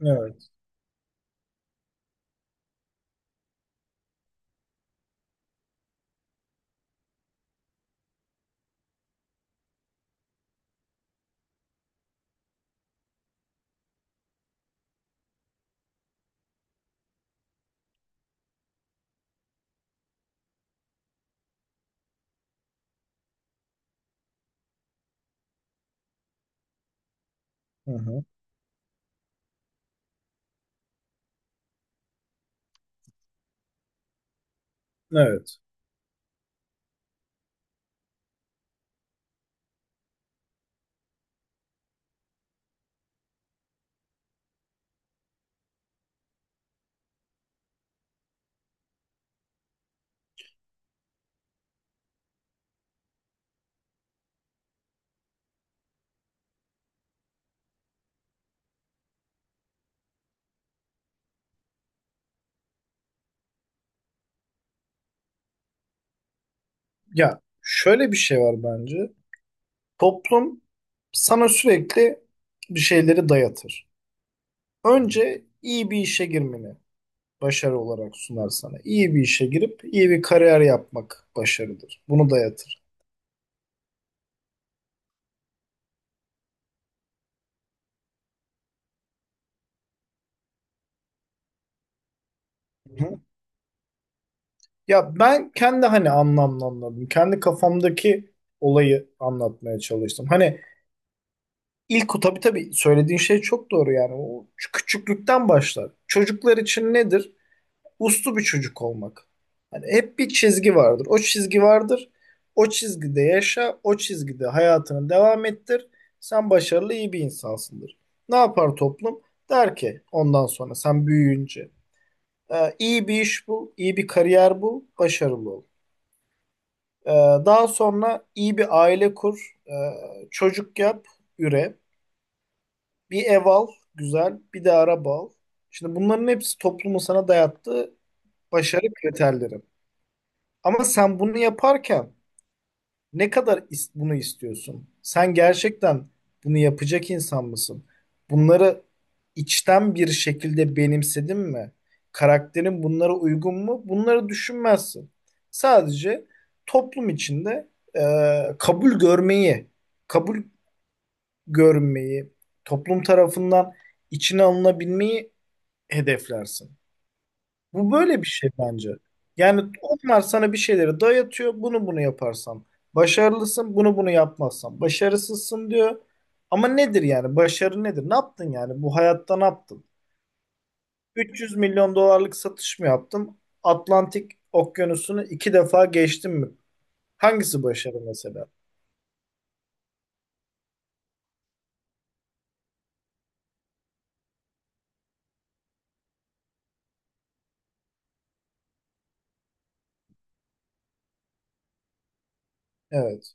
Evet. Hı hı. Evet. Ya şöyle bir şey var bence. Toplum sana sürekli bir şeyleri dayatır. Önce iyi bir işe girmeni başarı olarak sunar sana. İyi bir işe girip iyi bir kariyer yapmak başarıdır. Bunu dayatır. Hı hı. Ya ben kendi hani anlamlı anladım. Kendi kafamdaki olayı anlatmaya çalıştım. Hani ilk o tabii tabii söylediğin şey çok doğru yani. O küçüklükten başlar. Çocuklar için nedir? Uslu bir çocuk olmak. Hani hep bir çizgi vardır. O çizgi vardır. O çizgide yaşa, o çizgide hayatını devam ettir. Sen başarılı iyi bir insansındır. Ne yapar toplum? Der ki ondan sonra sen büyüyünce, " iyi bir iş bul, iyi bir kariyer bul, başarılı ol. E, Daha sonra iyi bir aile kur, çocuk yap, üre. Bir ev al, güzel, bir de araba al. Şimdi bunların hepsi toplumun sana dayattığı başarı kriterleri. Ama sen bunu yaparken ne kadar bunu istiyorsun? Sen gerçekten bunu yapacak insan mısın? Bunları içten bir şekilde benimsedin mi? Karakterin bunlara uygun mu? Bunları düşünmezsin. Sadece toplum içinde kabul görmeyi, kabul görmeyi, toplum tarafından içine alınabilmeyi hedeflersin. Bu böyle bir şey bence. Yani onlar sana bir şeyleri dayatıyor. Bunu yaparsan başarılısın. Bunu yapmazsan başarısızsın diyor. Ama nedir yani? Başarı nedir? Ne yaptın yani? Bu hayatta ne yaptın? 300 milyon dolarlık satış mı yaptın? Atlantik Okyanusu'nu 2 defa geçtin mi? Hangisi başarı mesela? Evet.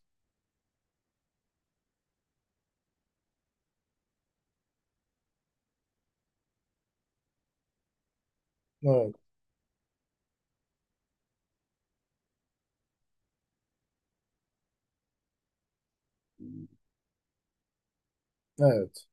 Evet. Evet.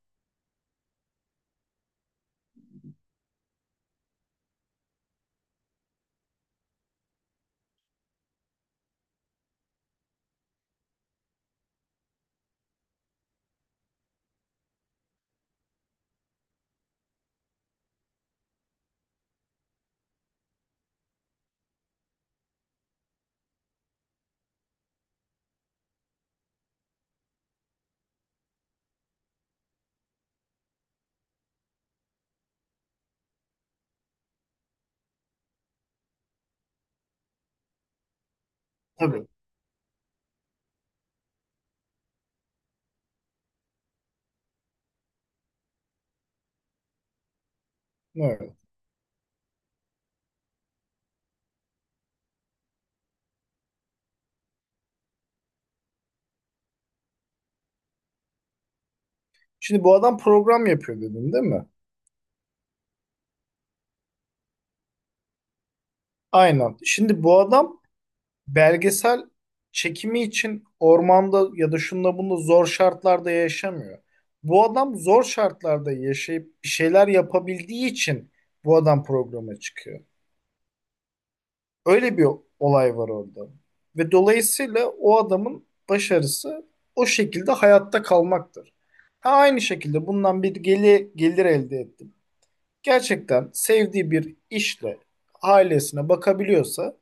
Tabii. Evet. Şimdi bu adam program yapıyor dedin değil mi? Aynen. Şimdi bu adam belgesel çekimi için ormanda ya da şunda bunda zor şartlarda yaşamıyor. Bu adam zor şartlarda yaşayıp bir şeyler yapabildiği için bu adam programa çıkıyor. Öyle bir olay var orada. Ve dolayısıyla o adamın başarısı o şekilde hayatta kalmaktır. Ha, aynı şekilde bundan gelir elde ettim. Gerçekten sevdiği bir işle ailesine bakabiliyorsa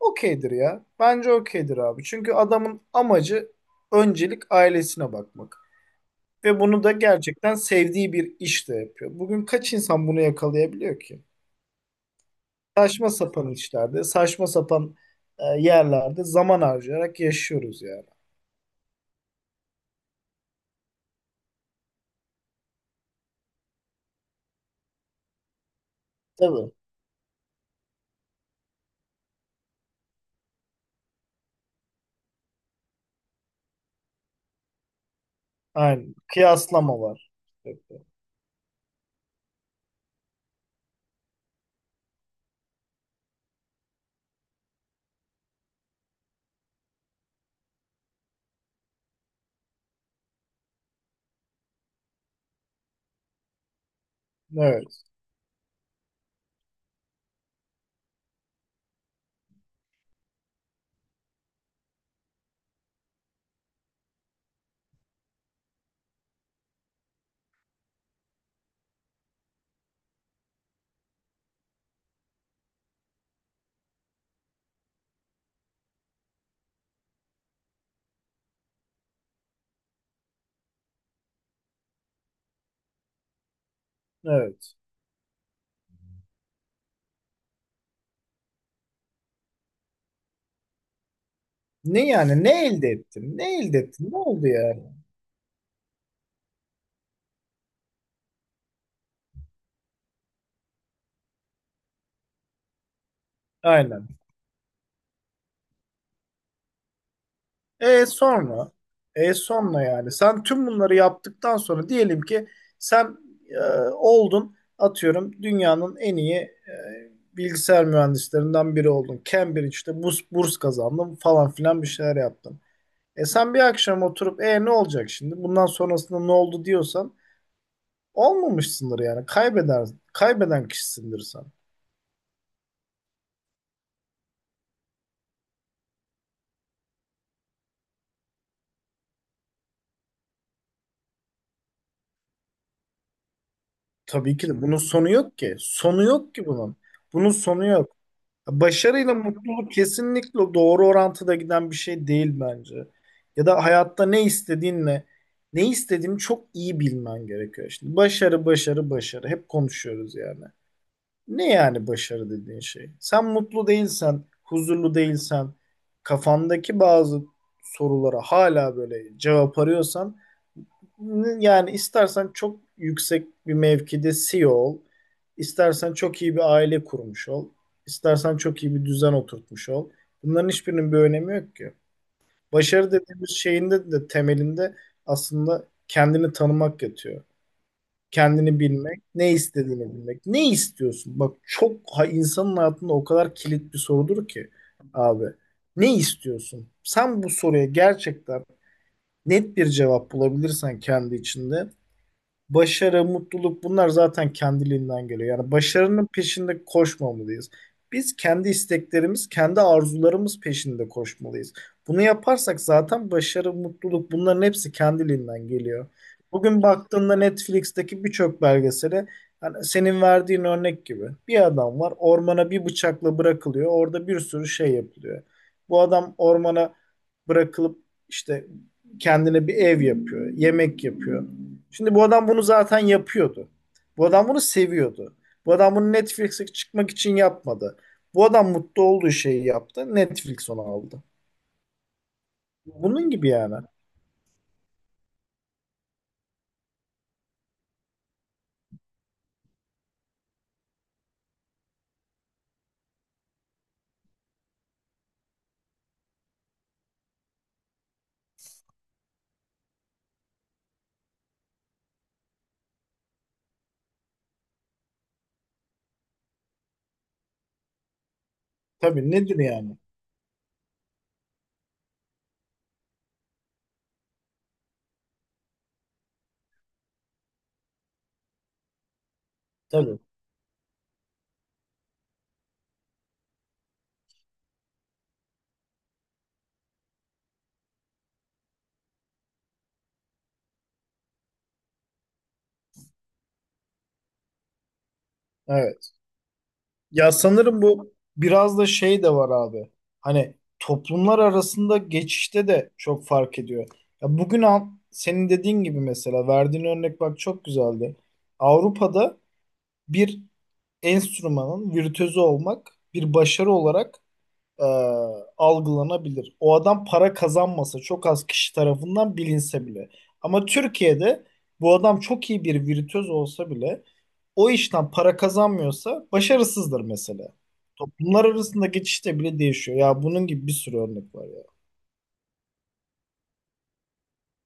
okeydir ya. Bence okeydir abi. Çünkü adamın amacı öncelik ailesine bakmak. Ve bunu da gerçekten sevdiği bir işte yapıyor. Bugün kaç insan bunu yakalayabiliyor ki? Saçma sapan işlerde, saçma sapan yerlerde zaman harcayarak yaşıyoruz yani. Tabii. Aynen. Kıyaslama var. Evet. Evet. Ne yani? Ne elde ettin? Ne elde ettin? Ne oldu yani? Aynen. E sonra, e sonra yani sen tüm bunları yaptıktan sonra diyelim ki sen, e, oldun atıyorum dünyanın en iyi bilgisayar mühendislerinden biri oldun. Cambridge'de burs kazandın falan filan bir şeyler yaptın. E sen bir akşam oturup e ne olacak şimdi bundan sonrasında ne oldu diyorsan olmamışsındır yani kaybeden kişisindir sen. Tabii ki de bunun sonu yok ki. Sonu yok ki bunun. Bunun sonu yok. Başarıyla mutluluk kesinlikle doğru orantıda giden bir şey değil bence. Ya da hayatta ne istediğinle ne istediğini çok iyi bilmen gerekiyor. Şimdi başarı, başarı, başarı. Hep konuşuyoruz yani. Ne yani başarı dediğin şey? Sen mutlu değilsen, huzurlu değilsen, kafandaki bazı sorulara hala böyle cevap arıyorsan, yani istersen çok yüksek bir mevkide CEO ol, istersen çok iyi bir aile kurmuş ol, istersen çok iyi bir düzen oturtmuş ol. Bunların hiçbirinin bir önemi yok ki. Başarı dediğimiz şeyin de temelinde aslında kendini tanımak yatıyor. Kendini bilmek, ne istediğini bilmek. Ne istiyorsun? Bak çok ha, insanın hayatında o kadar kilit bir sorudur ki abi. Ne istiyorsun? Sen bu soruya gerçekten net bir cevap bulabilirsen kendi içinde, başarı, mutluluk bunlar zaten kendiliğinden geliyor. Yani başarının peşinde koşmamalıyız. Biz kendi isteklerimiz, kendi arzularımız peşinde koşmalıyız. Bunu yaparsak zaten başarı, mutluluk bunların hepsi kendiliğinden geliyor. Bugün baktığında Netflix'teki birçok belgesele, yani senin verdiğin örnek gibi, bir adam var ormana bir bıçakla bırakılıyor. Orada bir sürü şey yapılıyor. Bu adam ormana bırakılıp işte kendine bir ev yapıyor, yemek yapıyor. Şimdi bu adam bunu zaten yapıyordu. Bu adam bunu seviyordu. Bu adam bunu Netflix'e çıkmak için yapmadı. Bu adam mutlu olduğu şeyi yaptı. Netflix onu aldı. Bunun gibi yani. Tabii nedir yani? Tabii. Evet. Ya sanırım bu biraz da şey de var abi. Hani toplumlar arasında geçişte de çok fark ediyor. Ya bugün al, senin dediğin gibi mesela verdiğin örnek bak çok güzeldi. Avrupa'da bir enstrümanın virtüözü olmak bir başarı olarak e, algılanabilir. O adam para kazanmasa çok az kişi tarafından bilinse bile. Ama Türkiye'de bu adam çok iyi bir virtüöz olsa bile o işten para kazanmıyorsa başarısızdır mesela. Toplumlar arasında geçişte bile değişiyor. Ya bunun gibi bir sürü örnek var ya.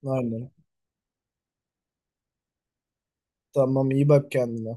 Aynen. Tamam iyi bak kendine.